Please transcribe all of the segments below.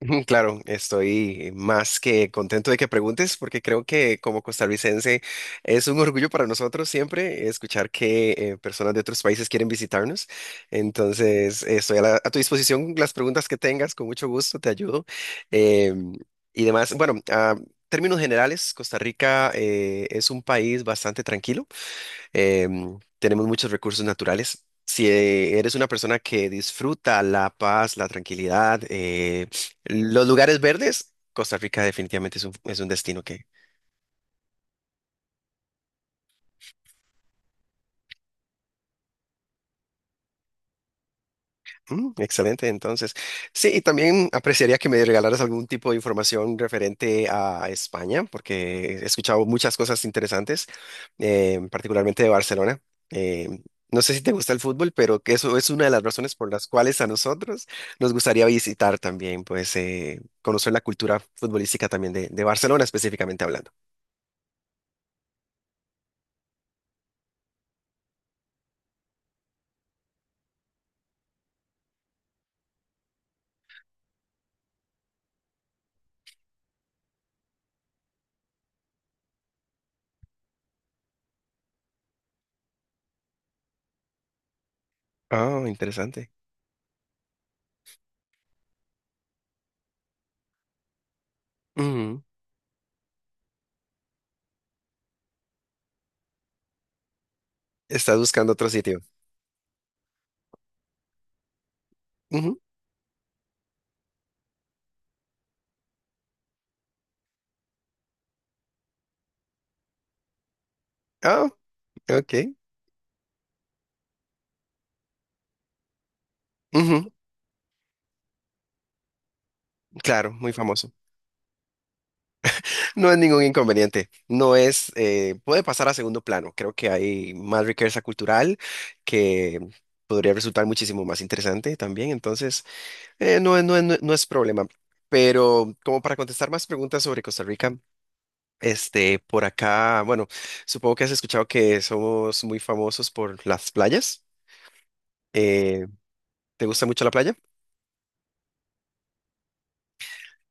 Claro, estoy más que contento de que preguntes porque creo que como costarricense es un orgullo para nosotros siempre escuchar que personas de otros países quieren visitarnos. Entonces, estoy a tu disposición las preguntas que tengas, con mucho gusto te ayudo. Em, y demás, bueno, a términos generales, Costa Rica es un país bastante tranquilo. Tenemos muchos recursos naturales. Si eres una persona que disfruta la paz, la tranquilidad, los lugares verdes, Costa Rica definitivamente es un destino. Mm, excelente, entonces. Sí, y también apreciaría que me regalaras algún tipo de información referente a España, porque he escuchado muchas cosas interesantes, particularmente de Barcelona. Eh, no sé si te gusta el fútbol, pero que eso es una de las razones por las cuales a nosotros nos gustaría visitar también, pues conocer la cultura futbolística también de Barcelona específicamente hablando. Ah, interesante. Ujú. Estás buscando otro sitio. Ujú. Ah, ok. Ujú. Claro, muy famoso. No es ningún inconveniente, no es, puede pasar a segundo plano. Creo que hay más riqueza cultural que podría resultar muchísimo más interesante también, entonces no es problema. Pero como para contestar más preguntas sobre Costa Rica, este, por acá, bueno, supongo que has escuchado que somos muy famosos por las playas. Eh, ¿Te gusta mucho la playa?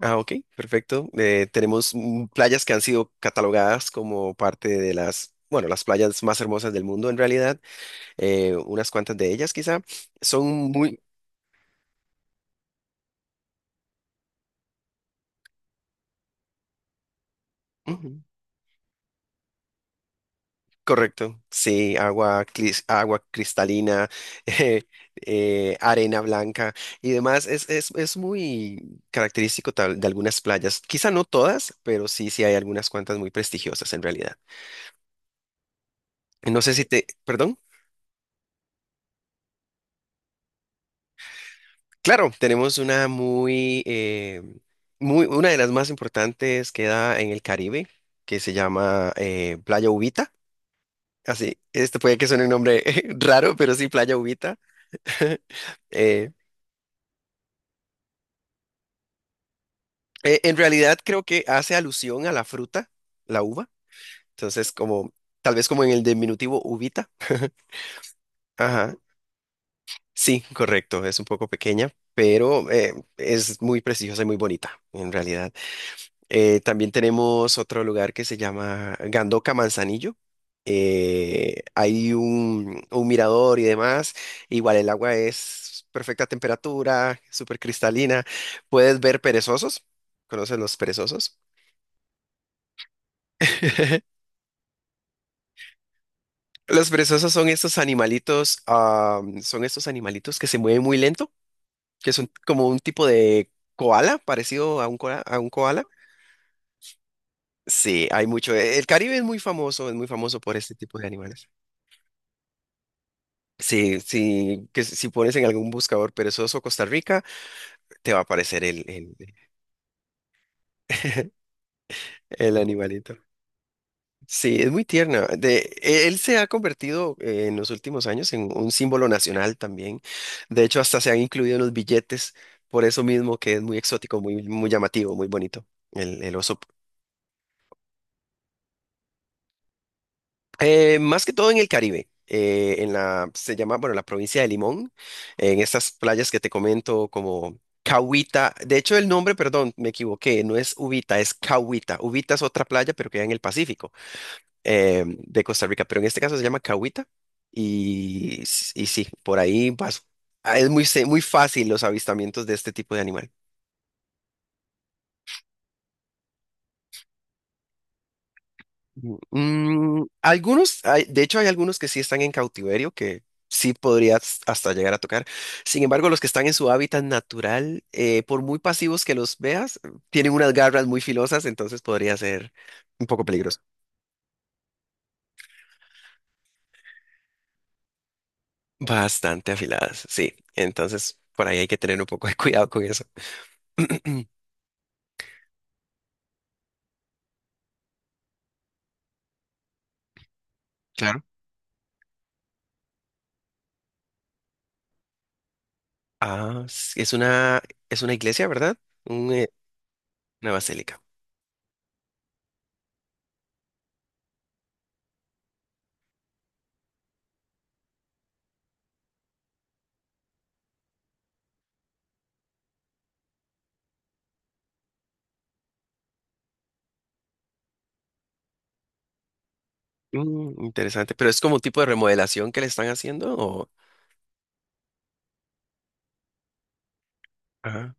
Ah, ok, perfecto. Tenemos mm, playas que han sido catalogadas como parte de las, bueno, las playas más hermosas del mundo en realidad, unas cuantas de ellas quizá, son muy... Ujú. Correcto, sí, agua cristalina, eh, arena blanca y demás. Es muy característico de algunas playas, quizá no todas, pero sí, sí hay algunas cuantas muy prestigiosas en realidad. No sé si te, perdón. Claro, tenemos una muy, una de las más importantes que da en el Caribe, que se llama Playa Ubita. Así, este puede que suene un nombre raro, pero sí, Playa Ubita. Eh, en realidad creo que hace alusión a la fruta, la uva. Entonces, como, tal vez como en el diminutivo ubita. Ajá. Sí, correcto, es un poco pequeña, pero es muy preciosa y muy bonita, en realidad. También tenemos otro lugar que se llama Gandoca Manzanillo. Hay un mirador y demás. Igual el agua es perfecta temperatura, súper cristalina. Puedes ver perezosos. ¿Conocen los perezosos? Los perezosos son estos animalitos, ah, son estos animalitos que se mueven muy lento, que son como un tipo de koala, parecido a un koala, a un koala. Sí, hay mucho. El Caribe es muy famoso por este tipo de animales. Sí, sí, que si pones en algún buscador perezoso Costa Rica, te va a aparecer el animalito. Sí, es muy tierna. Él se ha convertido en los últimos años en un símbolo nacional también. De hecho, hasta se han incluido en los billetes, por eso mismo que es muy exótico, muy, muy llamativo, muy bonito, el oso. Más que todo en el Caribe, se llama, bueno, la provincia de Limón, en estas playas que te comento como Cahuita, de hecho el nombre, perdón, me equivoqué, no es Ubita, es Cahuita, Ubita es otra playa, pero queda en el Pacífico de Costa Rica, pero en este caso se llama Cahuita y sí, por ahí vas, ah, muy fácil los avistamientos de este tipo de animales. Mm, algunos, de hecho hay algunos que sí están en cautiverio, que sí podrías hasta llegar a tocar. Sin embargo, los que están en su hábitat natural, por muy pasivos que los veas, tienen unas garras muy filosas, entonces podría ser un poco peligroso. Bastante afiladas, sí. Entonces, por ahí hay que tener un poco de cuidado con eso. Claro. Ah, s- es una, es una iglesia, ¿verdad? Un, eh, una basílica. Mm, interesante. Pero es como un tipo de remodelación que le están haciendo, o... Ajá.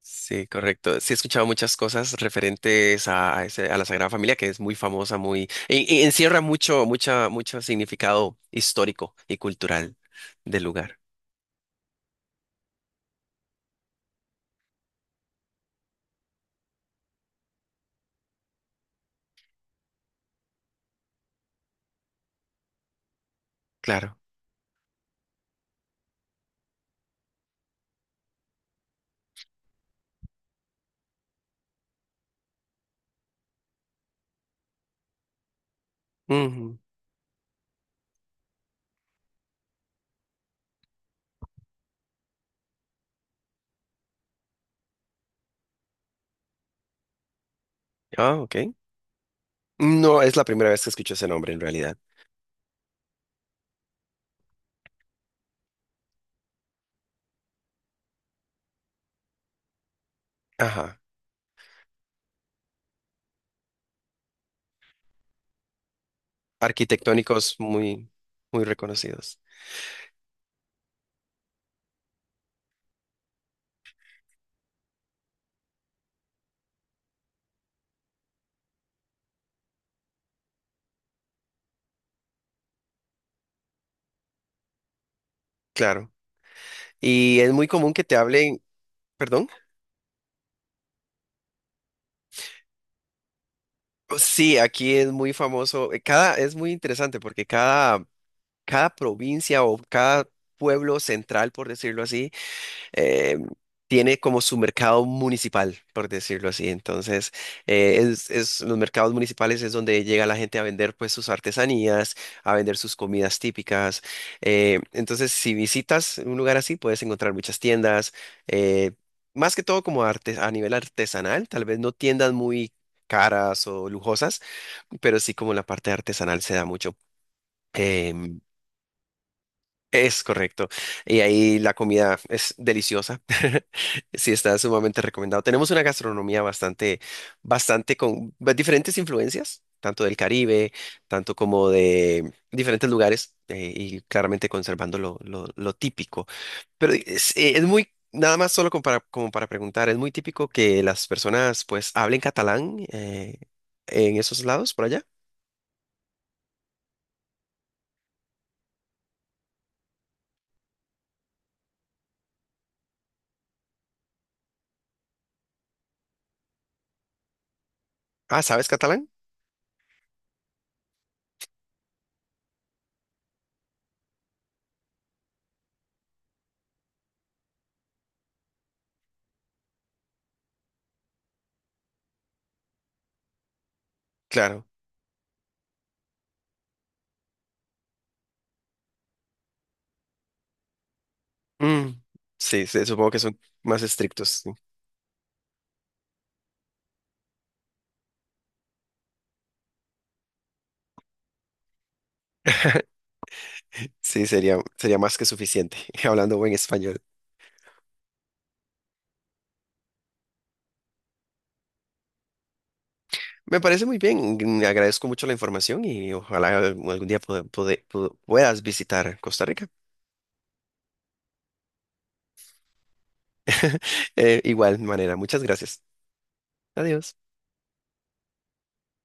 Sí, correcto. Sí, he escuchado muchas cosas referentes a, a la Sagrada Familia, que es muy famosa, muy, encierra mucho, mucho significado histórico y cultural del lugar. Claro. Ujú. Ah, ok. No es la primera vez que escucho ese nombre en realidad. Ajá. Arquitectónicos muy, muy reconocidos. Claro. Y es muy común que te hablen, perdón. Sí, aquí es muy famoso. Cada, es muy interesante porque cada provincia o cada pueblo central, por decirlo así, eh, tiene como su mercado municipal, por decirlo así. Entonces, los mercados municipales es donde llega la gente a vender pues sus artesanías, a vender sus comidas típicas. Entonces, si visitas un lugar así, puedes encontrar muchas tiendas, eh, más que todo como arte, a nivel artesanal, tal vez no tiendas muy caras o lujosas, pero sí como la parte artesanal se da mucho. em, es correcto. Y ahí la comida es deliciosa. Sí, está sumamente recomendado. Tenemos una gastronomía bastante, diferentes influencias, tanto del Caribe, tanto como de diferentes lugares, y claramente conservando lo típico. Pero es muy, nada más solo como para preguntar, es muy típico que las personas pues hablen catalán en esos lados, por allá. Ah, ¿sabes catalán? Claro. Mm, sí, sí, supongo que son más estrictos. Sí, sería, sería más que suficiente, hablando buen español. Me parece muy bien, mm, agradezco mucho la información y ojalá algún día puedas visitar Costa Rica. Igual manera, muchas gracias. Adiós.